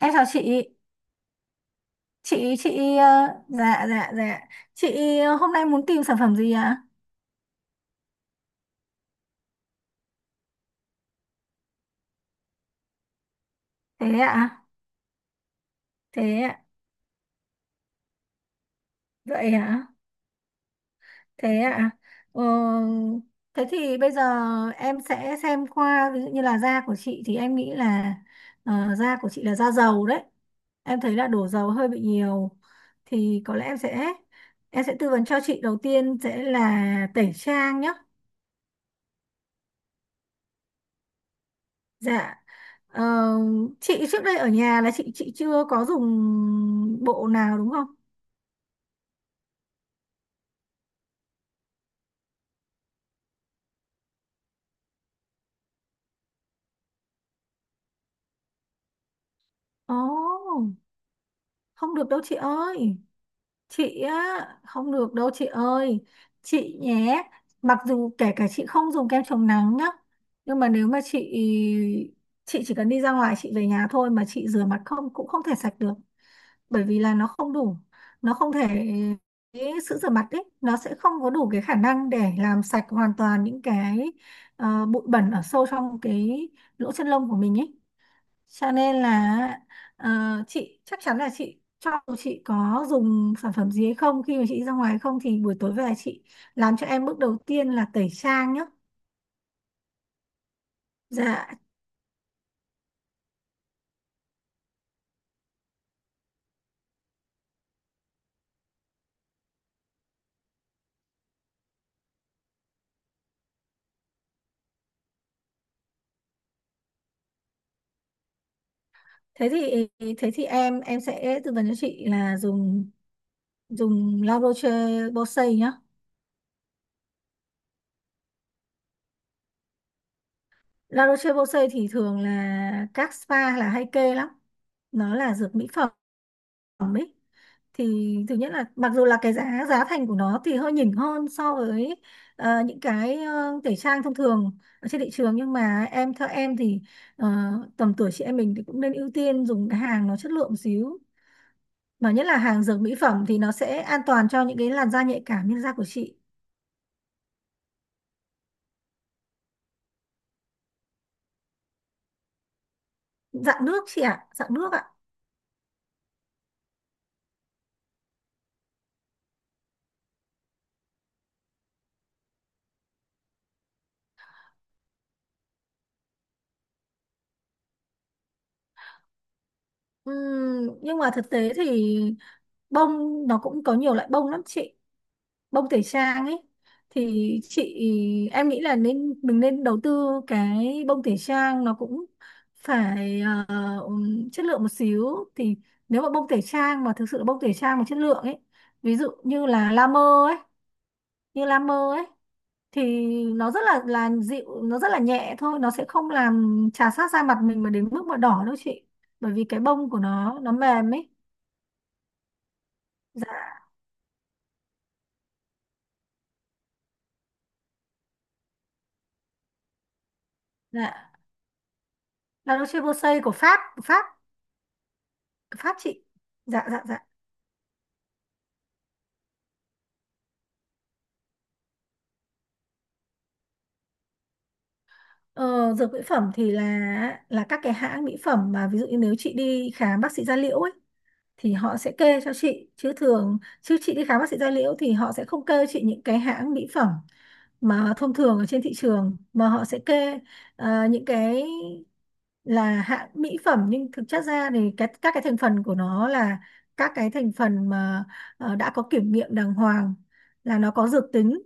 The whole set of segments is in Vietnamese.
Em chào chị. chị chị ờ, dạ dạ dạ. Chị, hôm nay muốn tìm sản phẩm gì ạ? Thế ạ? Thế ạ? Vậy hả? Thế ạ? Ờ, Thế thì bây giờ em sẽ xem qua, ví dụ như là da của chị, thì em nghĩ là da của chị là da dầu đấy. Em thấy là đổ dầu hơi bị nhiều, thì có lẽ em sẽ tư vấn cho chị, đầu tiên sẽ là tẩy trang nhé. Dạ. Ờ, chị trước đây ở nhà là chị chưa có dùng bộ nào, đúng không? Ồ, không được đâu chị ơi. Chị á, không được đâu chị ơi. Chị nhé, mặc dù kể cả chị không dùng kem chống nắng nhá, nhưng mà nếu mà chị chỉ cần đi ra ngoài, chị về nhà thôi mà chị rửa mặt không cũng không thể sạch được, bởi vì là nó không đủ, nó không thể, cái sữa rửa mặt ấy nó sẽ không có đủ cái khả năng để làm sạch hoàn toàn những cái bụi bẩn ở sâu trong cái lỗ chân lông của mình ấy, cho nên là ờ, chị chắc chắn là chị, cho dù chị có dùng sản phẩm gì hay không, khi mà chị ra ngoài hay không, thì buổi tối về chị làm cho em bước đầu tiên là tẩy trang nhá. Dạ. thế thì Thế thì em sẽ tư vấn cho chị là dùng dùng lau Roche Posay nhá. La Roche-Posay thì thường là các spa là hay kê lắm. Nó là dược mỹ phẩm, thì thứ nhất là mặc dù là cái giá giá thành của nó thì hơi nhỉnh hơn so với những cái tẩy trang thông thường ở trên thị trường, nhưng mà em, theo em thì ờ, tầm tuổi chị em mình thì cũng nên ưu tiên dùng cái hàng nó chất lượng một xíu. Mà nhất là hàng dược mỹ phẩm thì nó sẽ an toàn cho những cái làn da nhạy cảm như da của chị. Dạng nước chị ạ, dạng nước ạ. Nhưng mà thực tế thì bông nó cũng có nhiều loại bông lắm chị, bông tẩy trang ấy, thì chị, em nghĩ là nên mình nên đầu tư cái bông tẩy trang nó cũng phải chất lượng một xíu, thì nếu mà bông tẩy trang mà thực sự là bông tẩy trang mà chất lượng ấy, ví dụ như là La Mer ấy, như La Mer ấy, thì nó rất là dịu, nó rất là nhẹ thôi, nó sẽ không làm chà sát da mặt mình mà đến mức mà đỏ đâu chị, bởi vì cái bông của nó mềm ấy. Dạ dạ. La Roche-Posay của Pháp, của Pháp, của Pháp chị, dạ dạ dạ. Ờ, dược mỹ phẩm thì là các cái hãng mỹ phẩm mà ví dụ như nếu chị đi khám bác sĩ da liễu ấy, thì họ sẽ kê cho chị, chứ thường chứ chị đi khám bác sĩ da liễu thì họ sẽ không kê chị những cái hãng mỹ phẩm mà thông thường ở trên thị trường, mà họ sẽ kê những cái là hãng mỹ phẩm, nhưng thực chất ra thì cái các cái thành phần của nó là các cái thành phần mà đã có kiểm nghiệm đàng hoàng, là nó có dược tính.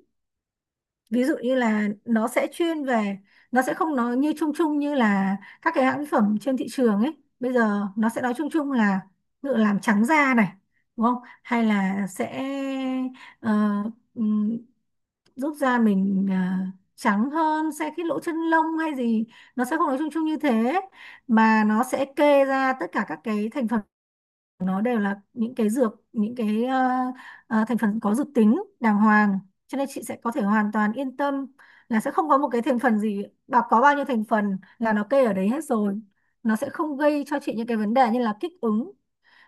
Ví dụ như là nó sẽ chuyên về, nó sẽ không nói như chung chung như là các cái hãng mỹ phẩm trên thị trường ấy, bây giờ nó sẽ nói chung chung là, ví dụ làm trắng da này, đúng không, hay là sẽ ờ, ừm, giúp da mình trắng hơn, sẽ cái lỗ chân lông hay gì, nó sẽ không nói chung chung như thế, mà nó sẽ kê ra tất cả các cái thành phần, nó đều là những cái dược, những cái thành phần có dược tính đàng hoàng, cho nên chị sẽ có thể hoàn toàn yên tâm là sẽ không có một cái thành phần gì, bà có bao nhiêu thành phần là nó kê ở đấy hết rồi, nó sẽ không gây cho chị những cái vấn đề như là kích ứng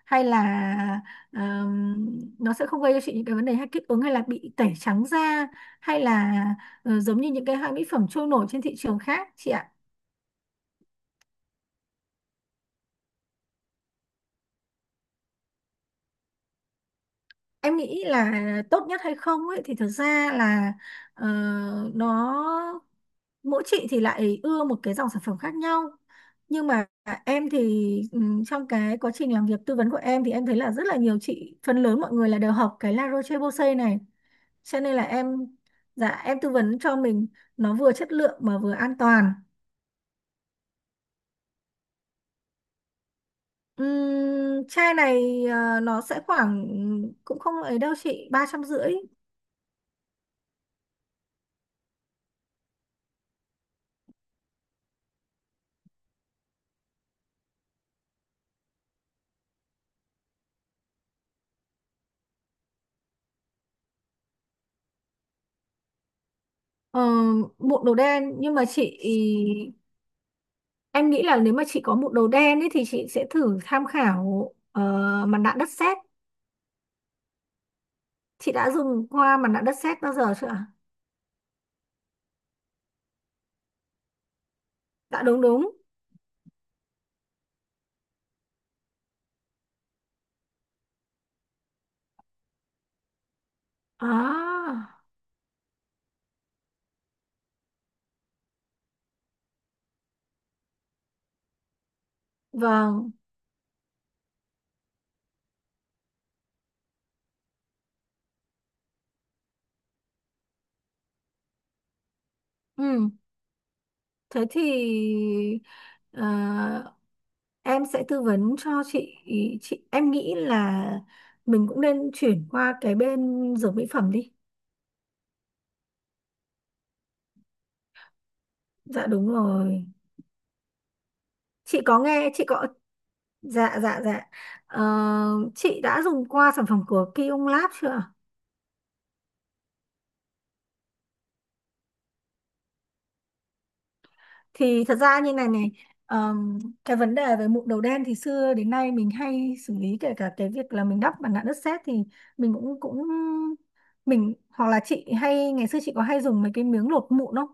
hay là ờm, nó sẽ không gây cho chị những cái vấn đề hay kích ứng hay là bị tẩy trắng da hay là giống như những cái hãng mỹ phẩm trôi nổi trên thị trường khác chị ạ. Em nghĩ là tốt nhất hay không ấy thì thực ra là ờ, nó, mỗi chị thì lại ưa một cái dòng sản phẩm khác nhau, nhưng mà em thì trong cái quá trình làm việc tư vấn của em thì em thấy là rất là nhiều chị, phần lớn mọi người là đều học cái La Roche-Posay này, cho nên là em, dạ em tư vấn cho mình nó vừa chất lượng mà vừa an toàn. Chai này nó sẽ khoảng cũng không ấy đâu chị, 350. Ờ, mụn đầu đen nhưng mà chị, em nghĩ là nếu mà chị có bộ đồ đen ấy thì chị sẽ thử tham khảo mặt nạ đất sét. Chị đã dùng qua mặt nạ đất sét bao giờ chưa ạ? Dạ đúng đúng. À vâng. Ừ. Thế thì ờ, em sẽ tư vấn cho chị em nghĩ là mình cũng nên chuyển qua cái bên dược mỹ phẩm đi. Dạ đúng rồi. Chị có nghe chị có. Dạ dạ dạ. Ờ, chị đã dùng qua sản phẩm của Kiung Lab chưa ạ? Thì thật ra như này này, ờm, cái vấn đề về mụn đầu đen thì xưa đến nay mình hay xử lý, kể cả cái việc là mình đắp mặt nạ đất sét, thì mình cũng cũng mình, hoặc là chị hay ngày xưa chị có hay dùng mấy cái miếng lột mụn không?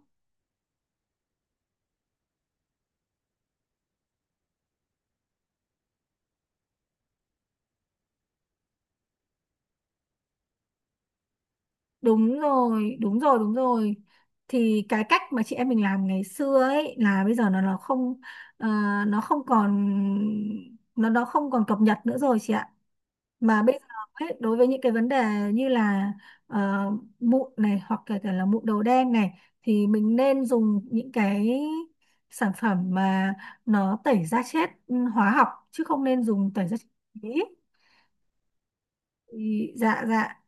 Đúng rồi, đúng rồi, đúng rồi. Thì cái cách mà chị em mình làm ngày xưa ấy là bây giờ nó không ờ, nó không còn, nó không còn cập nhật nữa rồi chị ạ, mà bây giờ ấy, đối với những cái vấn đề như là ờ, mụn này hoặc kể cả là mụn đầu đen này, thì mình nên dùng những cái sản phẩm mà nó tẩy da chết, ừ, hóa học, chứ không nên dùng tẩy da chết ý. Ý, dạ dạ.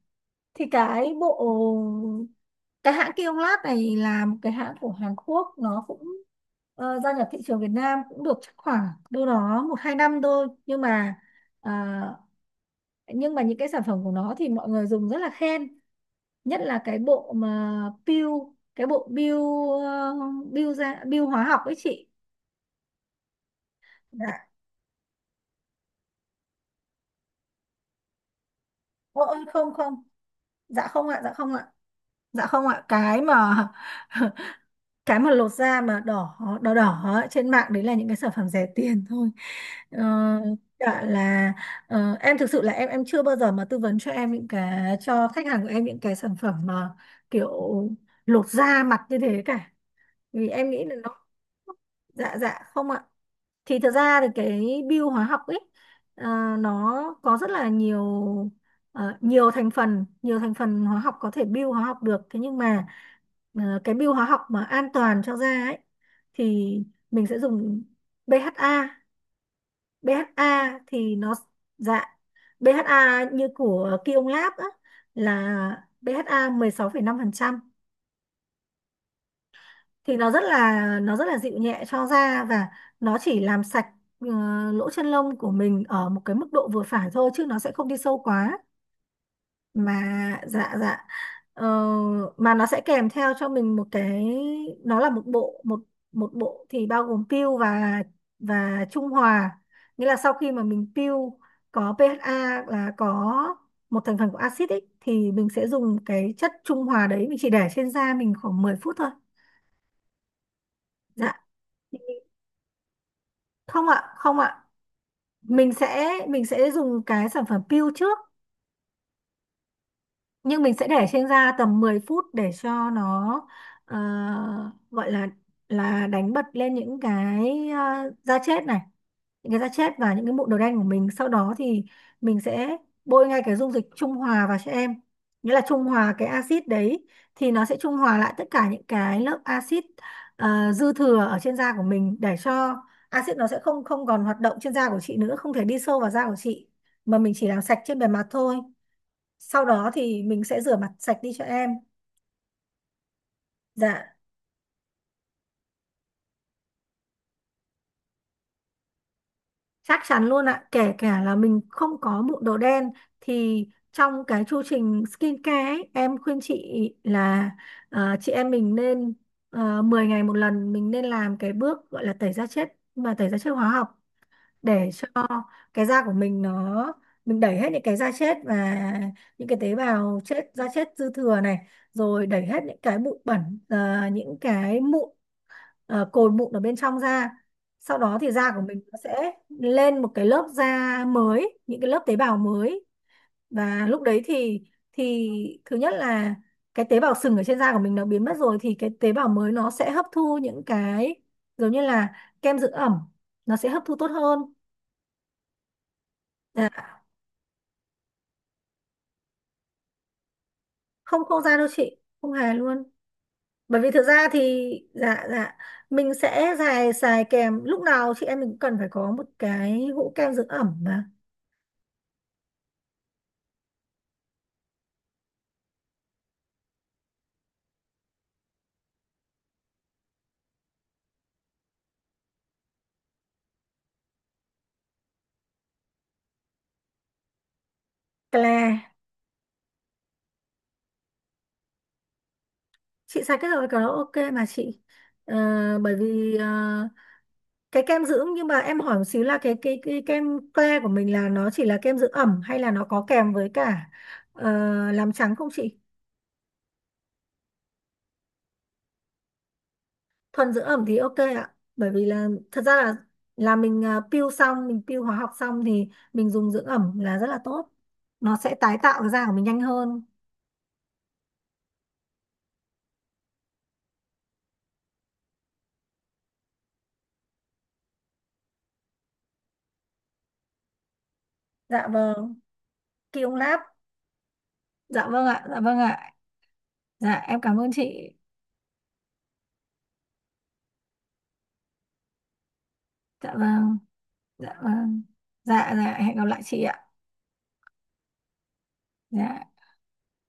Thì cái bộ, cái hãng Kionlab này là một cái hãng của Hàn Quốc, nó cũng gia nhập thị trường Việt Nam cũng được chắc khoảng đâu đó một hai năm thôi, nhưng mà ờ, nhưng mà những cái sản phẩm của nó thì mọi người dùng rất là khen, nhất là cái bộ mà peel, cái bộ peel ờ, peel ra peel hóa học ấy chị. Dạ, ôi không không, dạ không ạ, dạ không ạ. Cái mà cái mà lột da mà đỏ đỏ đỏ ấy, trên mạng đấy là những cái sản phẩm rẻ tiền thôi. Ờ, cả là em thực sự là em chưa bao giờ mà tư vấn cho em những cái, cho khách hàng của em những cái sản phẩm mà kiểu lột da mặt như thế cả, vì em nghĩ là nó, dạ dạ không ạ. Thì thật ra thì cái bio hóa học ấy, à, nó có rất là nhiều nhiều thành phần, nhiều thành phần hóa học có thể bio hóa học được, thế nhưng mà cái bio hóa học mà an toàn cho da ấy, thì mình sẽ dùng BHA. BHA thì nó, dạ, BHA như của Kiông Lab á, là BHA 16,5%, thì nó rất là, nó rất là dịu nhẹ cho da, và nó chỉ làm sạch ờ, lỗ chân lông của mình ở một cái mức độ vừa phải thôi, chứ nó sẽ không đi sâu quá mà, dạ dạ. Ờ, mà nó sẽ kèm theo cho mình một cái, nó là một bộ, một một bộ thì bao gồm peel và trung hòa, nghĩa là sau khi mà mình peel có PHA là có một thành phần của axit ấy, thì mình sẽ dùng cái chất trung hòa đấy, mình chỉ để trên da mình khoảng 10 phút thôi. Dạ, không ạ, không ạ. Mình sẽ dùng cái sản phẩm peel trước, nhưng mình sẽ để trên da tầm 10 phút để cho nó ờ, gọi là đánh bật lên những cái, da chết này, những cái da chết và những cái mụn đầu đen của mình, sau đó thì mình sẽ bôi ngay cái dung dịch trung hòa vào cho em, nghĩa là trung hòa cái axit đấy, thì nó sẽ trung hòa lại tất cả những cái lớp axit dư thừa ở trên da của mình, để cho axit nó sẽ không không còn hoạt động trên da của chị nữa, không thể đi sâu vào da của chị, mà mình chỉ làm sạch trên bề mặt thôi, sau đó thì mình sẽ rửa mặt sạch đi cho em. Dạ. Chắc chắn luôn ạ, kể cả là mình không có mụn đồ đen, thì trong cái chu trình skincare ấy, em khuyên chị là chị em mình nên 10 ngày một lần mình nên làm cái bước gọi là tẩy da chết, mà tẩy da chết hóa học, để cho cái da của mình nó, mình đẩy hết những cái da chết và những cái tế bào chết, da chết dư thừa này, rồi đẩy hết những cái bụi bẩn, những cái mụn, cồi mụn ở bên trong ra, sau đó thì da của mình nó sẽ lên một cái lớp da mới, những cái lớp tế bào mới, và lúc đấy thì thì thứ nhất là cái tế bào sừng ở trên da của mình nó biến mất rồi, thì cái tế bào mới nó sẽ hấp thu những cái giống như là kem dưỡng ẩm, nó sẽ hấp thu tốt hơn. Dạ, không khô da đâu chị, không hề luôn, bởi vì thực ra thì dạ dạ, mình sẽ xài xài kèm, lúc nào chị em mình cũng cần phải có một cái hũ kem dưỡng ẩm mà. Claire, chị xài cái rồi, cái đó ok mà chị. Ờ, bởi vì cái kem dưỡng, nhưng mà em hỏi một xíu là cái kem Claire của mình là nó chỉ là kem dưỡng ẩm hay là nó có kèm với cả ờ, làm trắng không chị? Thuần dưỡng ẩm thì ok ạ, bởi vì là thật ra là mình peel xong, mình peel hóa học xong, thì mình dùng dưỡng ẩm là rất là tốt, nó sẽ tái tạo cái da của mình nhanh hơn. Dạ vâng. Kiông Lab. Dạ vâng ạ, dạ vâng ạ, dạ em cảm ơn chị. Dạ vâng. Dạ vâng. Dạ dạ, hẹn gặp lại chị ạ. Dạ.